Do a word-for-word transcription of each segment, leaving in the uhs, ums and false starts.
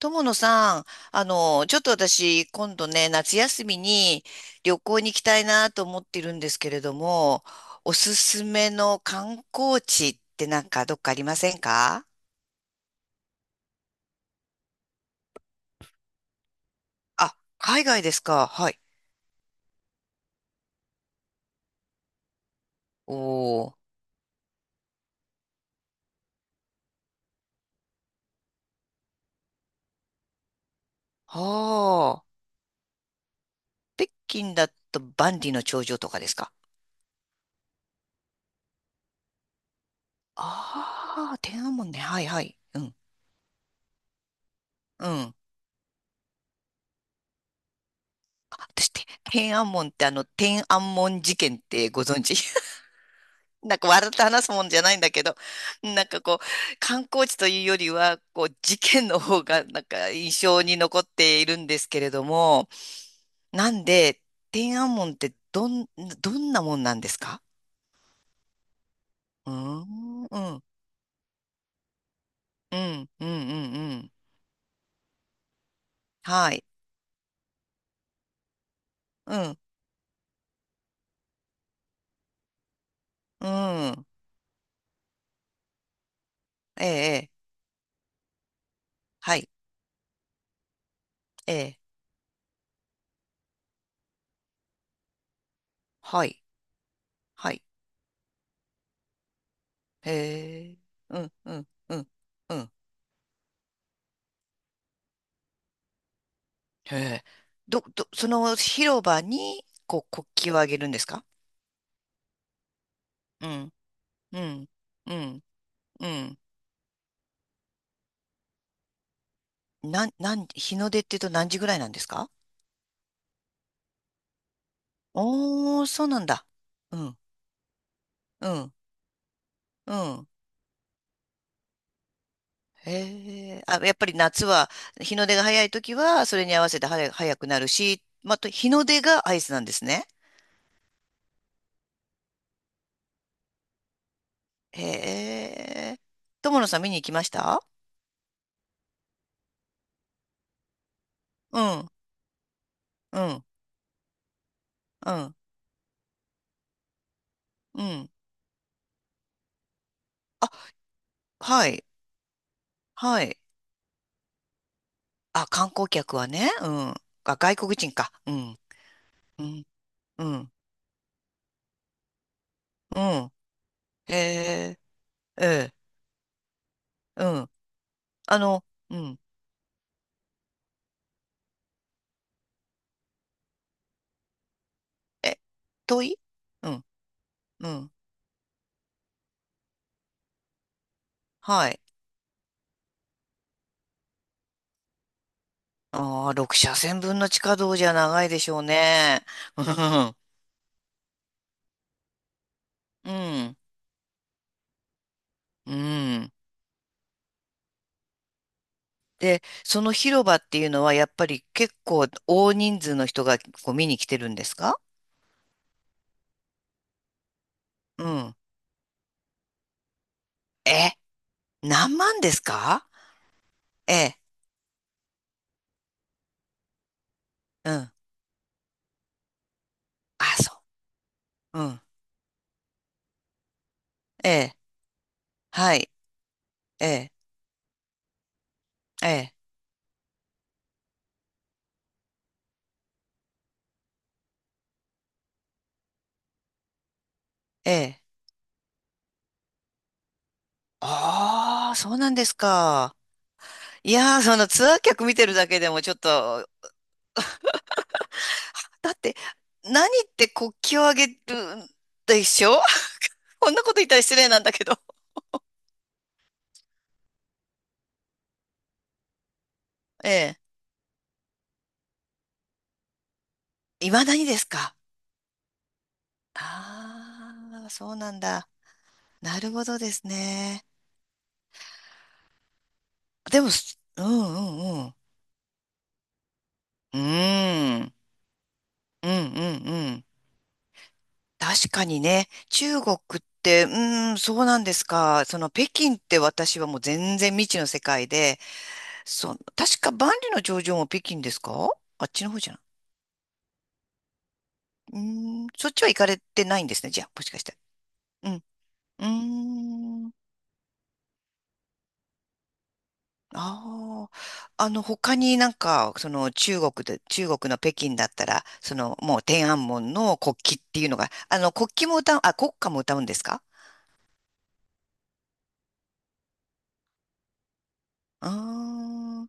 友野さん、あの、ちょっと私、今度ね、夏休みに旅行に行きたいなと思っているんですけれども、おすすめの観光地ってなんかどっかありませんか？あ、海外ですか。はい。おー。はあ。北京だと万里の長城とかですか。ああー、天安門ね。はいはい。うん。うん。あ私って、天安門ってあの、天安門事件ってご存知？なんか笑って話すもんじゃないんだけど、なんかこう、観光地というよりは、こう、事件の方がなんか印象に残っているんですけれども、なんで、天安門ってどん、どんなもんなんですか？うーん、うん、うん、うん、うん、うん。はい。うん、うん。ええ、ええ、はい、ええ、はい、はい。へえ、うん、うん、うん、うん。へえ。ど、ど、その広場に、こう、国旗をあげるんですか？うん、うん、うん、うん。なん、なん、日の出って言うと何時ぐらいなんですか？おー、そうなんだ。うん、うん、うん。へえ。あ、やっぱり夏は、日の出が早い時は、それに合わせて早、早くなるし、また、日の出が合図なんですね。へえ。友野さん見に行きました？うん、うん、うん、うん。あ、はい、はい。あ、観光客はね、うん。あ、外国人か。うん、うん、うん、うん。へえ。ええ、うん。あの、うん。え、遠い？うん、うん。はい。ああ、ろく車線分の地下道じゃ長いでしょうね。うん、うん、うん。で、その広場っていうのはやっぱり結構大人数の人がこう見に来てるんですか？うん。え、何万ですか？ええ、うん。あ、そう。うん。ええ、はい。ええ、ええ、ええ。ああ、そうなんですか。いやー、そのツアー客見てるだけでもちょっと、だって、何って国旗をあげるでしょ？ こんなこと言ったら失礼なんだけど。ええ。いまだにですか。ああー、そうなんだ。なるほどですね。でも、す、うんうんうん。うーん。うんうんうん。確かにね、中国って、うーん、そうなんですか。その北京って私はもう全然未知の世界で、その、確か万里の長城も北京ですか？あっちの方じゃん。うーん、そっちは行かれてないんですね。じゃあ、もしかして。うん。うーん。ああ。あの、他になんか、その中国で、中国の北京だったら、そのもう天安門の国旗っていうのが、あの、国旗も歌う、あ、国歌も歌うんですか？ああ。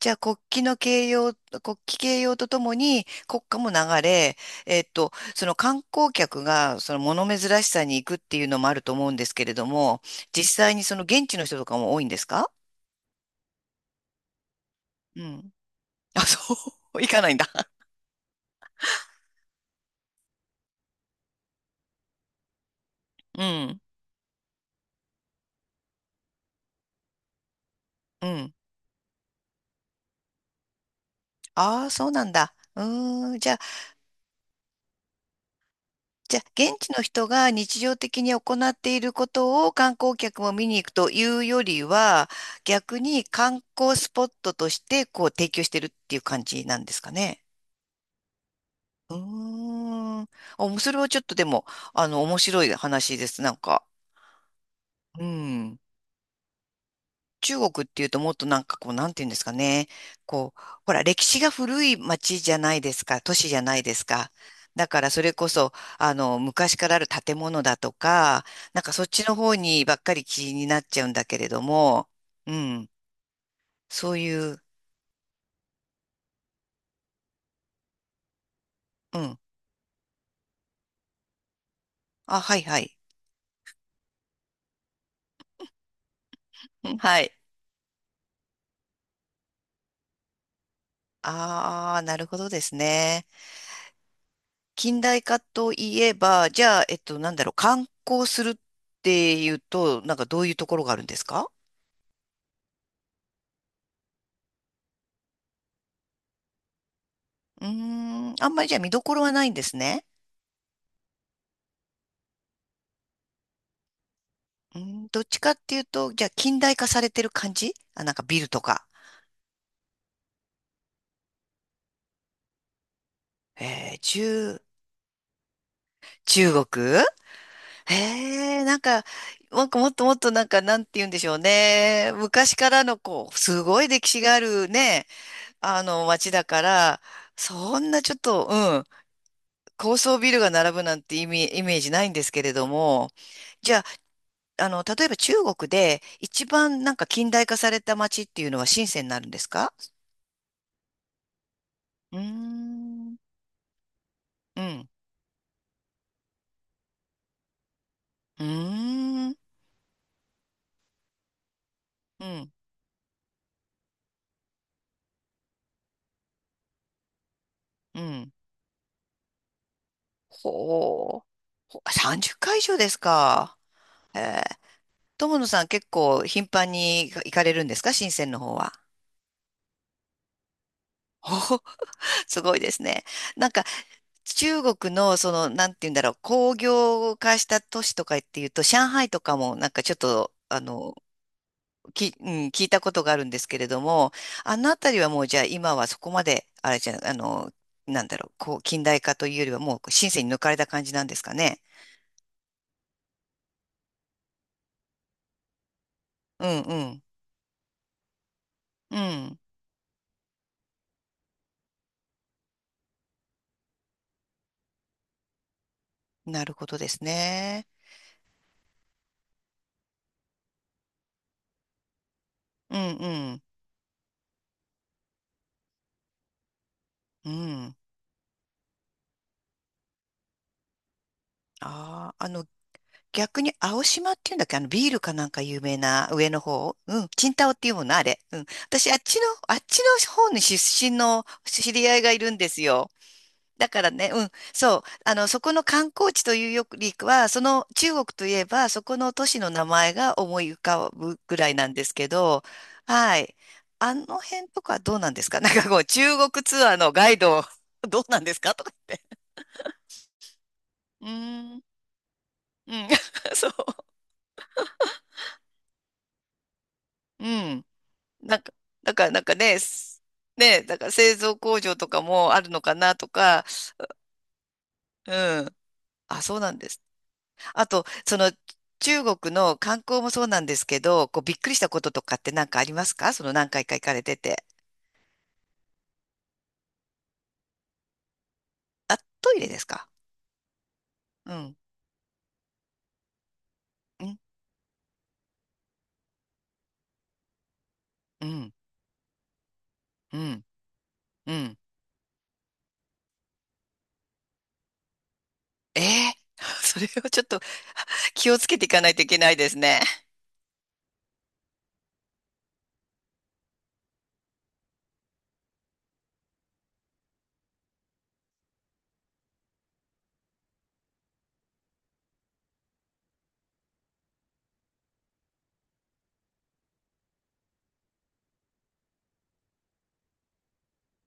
じゃあ国旗の掲揚、国旗掲揚とともに国歌も流れ、えっと、その観光客がその物珍しさに行くっていうのもあると思うんですけれども、実際にその現地の人とかも多いんですか？うん。あ、そう、行かないんだ。うん。うん。ああ、そうなんだ。うーん、じゃあ、じゃあ、現地の人が日常的に行っていることを観光客も見に行くというよりは、逆に観光スポットとして、こう、提供してるっていう感じなんですかね。うーん。お、それはちょっとでも、あの、面白い話です、なんか。うん。中国っていうともっとなんかこう、なんていうんですかね。こう、ほら、歴史が古い町じゃないですか、都市じゃないですか。だからそれこそ、あの、昔からある建物だとか、なんかそっちの方にばっかり気になっちゃうんだけれども、うん、そういう、うん。あ、はいはい。うん、はい。ああ、なるほどですね。近代化といえば、じゃあ、えっと、なんだろう、観光するっていうと、なんかどういうところがあるんですか？うーん、あんまりじゃあ見どころはないんですね。うん、どっちかっていうと、じゃあ近代化されてる感じあ、なんかビルとか。えー、中、中国、へえ、なんか、なんかもっともっとなんか、なんて言うんでしょうね。昔からのこう、すごい歴史があるね、あの街だから、そんなちょっと、うん、高層ビルが並ぶなんて意味、イメージないんですけれども。じゃあ、あの、例えば中国で一番なんか近代化された街っていうのは深センになるんですか？うーん、うん、うーん、うん、うん。ほう。ほ、さんじゅっかい以上ですか。ええ。友野さん結構頻繁に行かれるんですか深センの方は。おー、すごいですね。なんか中国のその、なんて言うんだろう、工業化した都市とかっていうと、上海とかもなんかちょっと、あの、き、うん、聞いたことがあるんですけれども、あのあたりはもうじゃあ今はそこまで、あれじゃ、あの、なんだろう、こう、近代化というよりはもう深セに抜かれた感じなんですかね。うんうん。うん。なるほどですね。うんうん。うん。ああ、あの、逆に青島っていうんだっけ、あの、ビールかなんか有名な上の方。うん。チンタオっていうもの、あれ。うん。私、あっちの、あっちの方に出身の知り合いがいるんですよ。だからね、うん、そう、あの、そこの観光地というよりかは、その中国といえば、そこの都市の名前が思い浮かぶぐらいなんですけど、はい。あの辺とかどうなんですか？ なんかこう、中国ツアーのガイド、どうなんですかとか言って。うーん、うん、そう、うん。なんか、だからなんかね、す、ね、だから製造工場とかもあるのかなとか、うん。あ、そうなんです。あと、その中国の観光もそうなんですけど、こうびっくりしたこととかって何かありますかその何回か行かれてて。あ、トイレですか？うん、うん、うん、うん、うん。えー それをちょっと気をつけていかないといけないですね。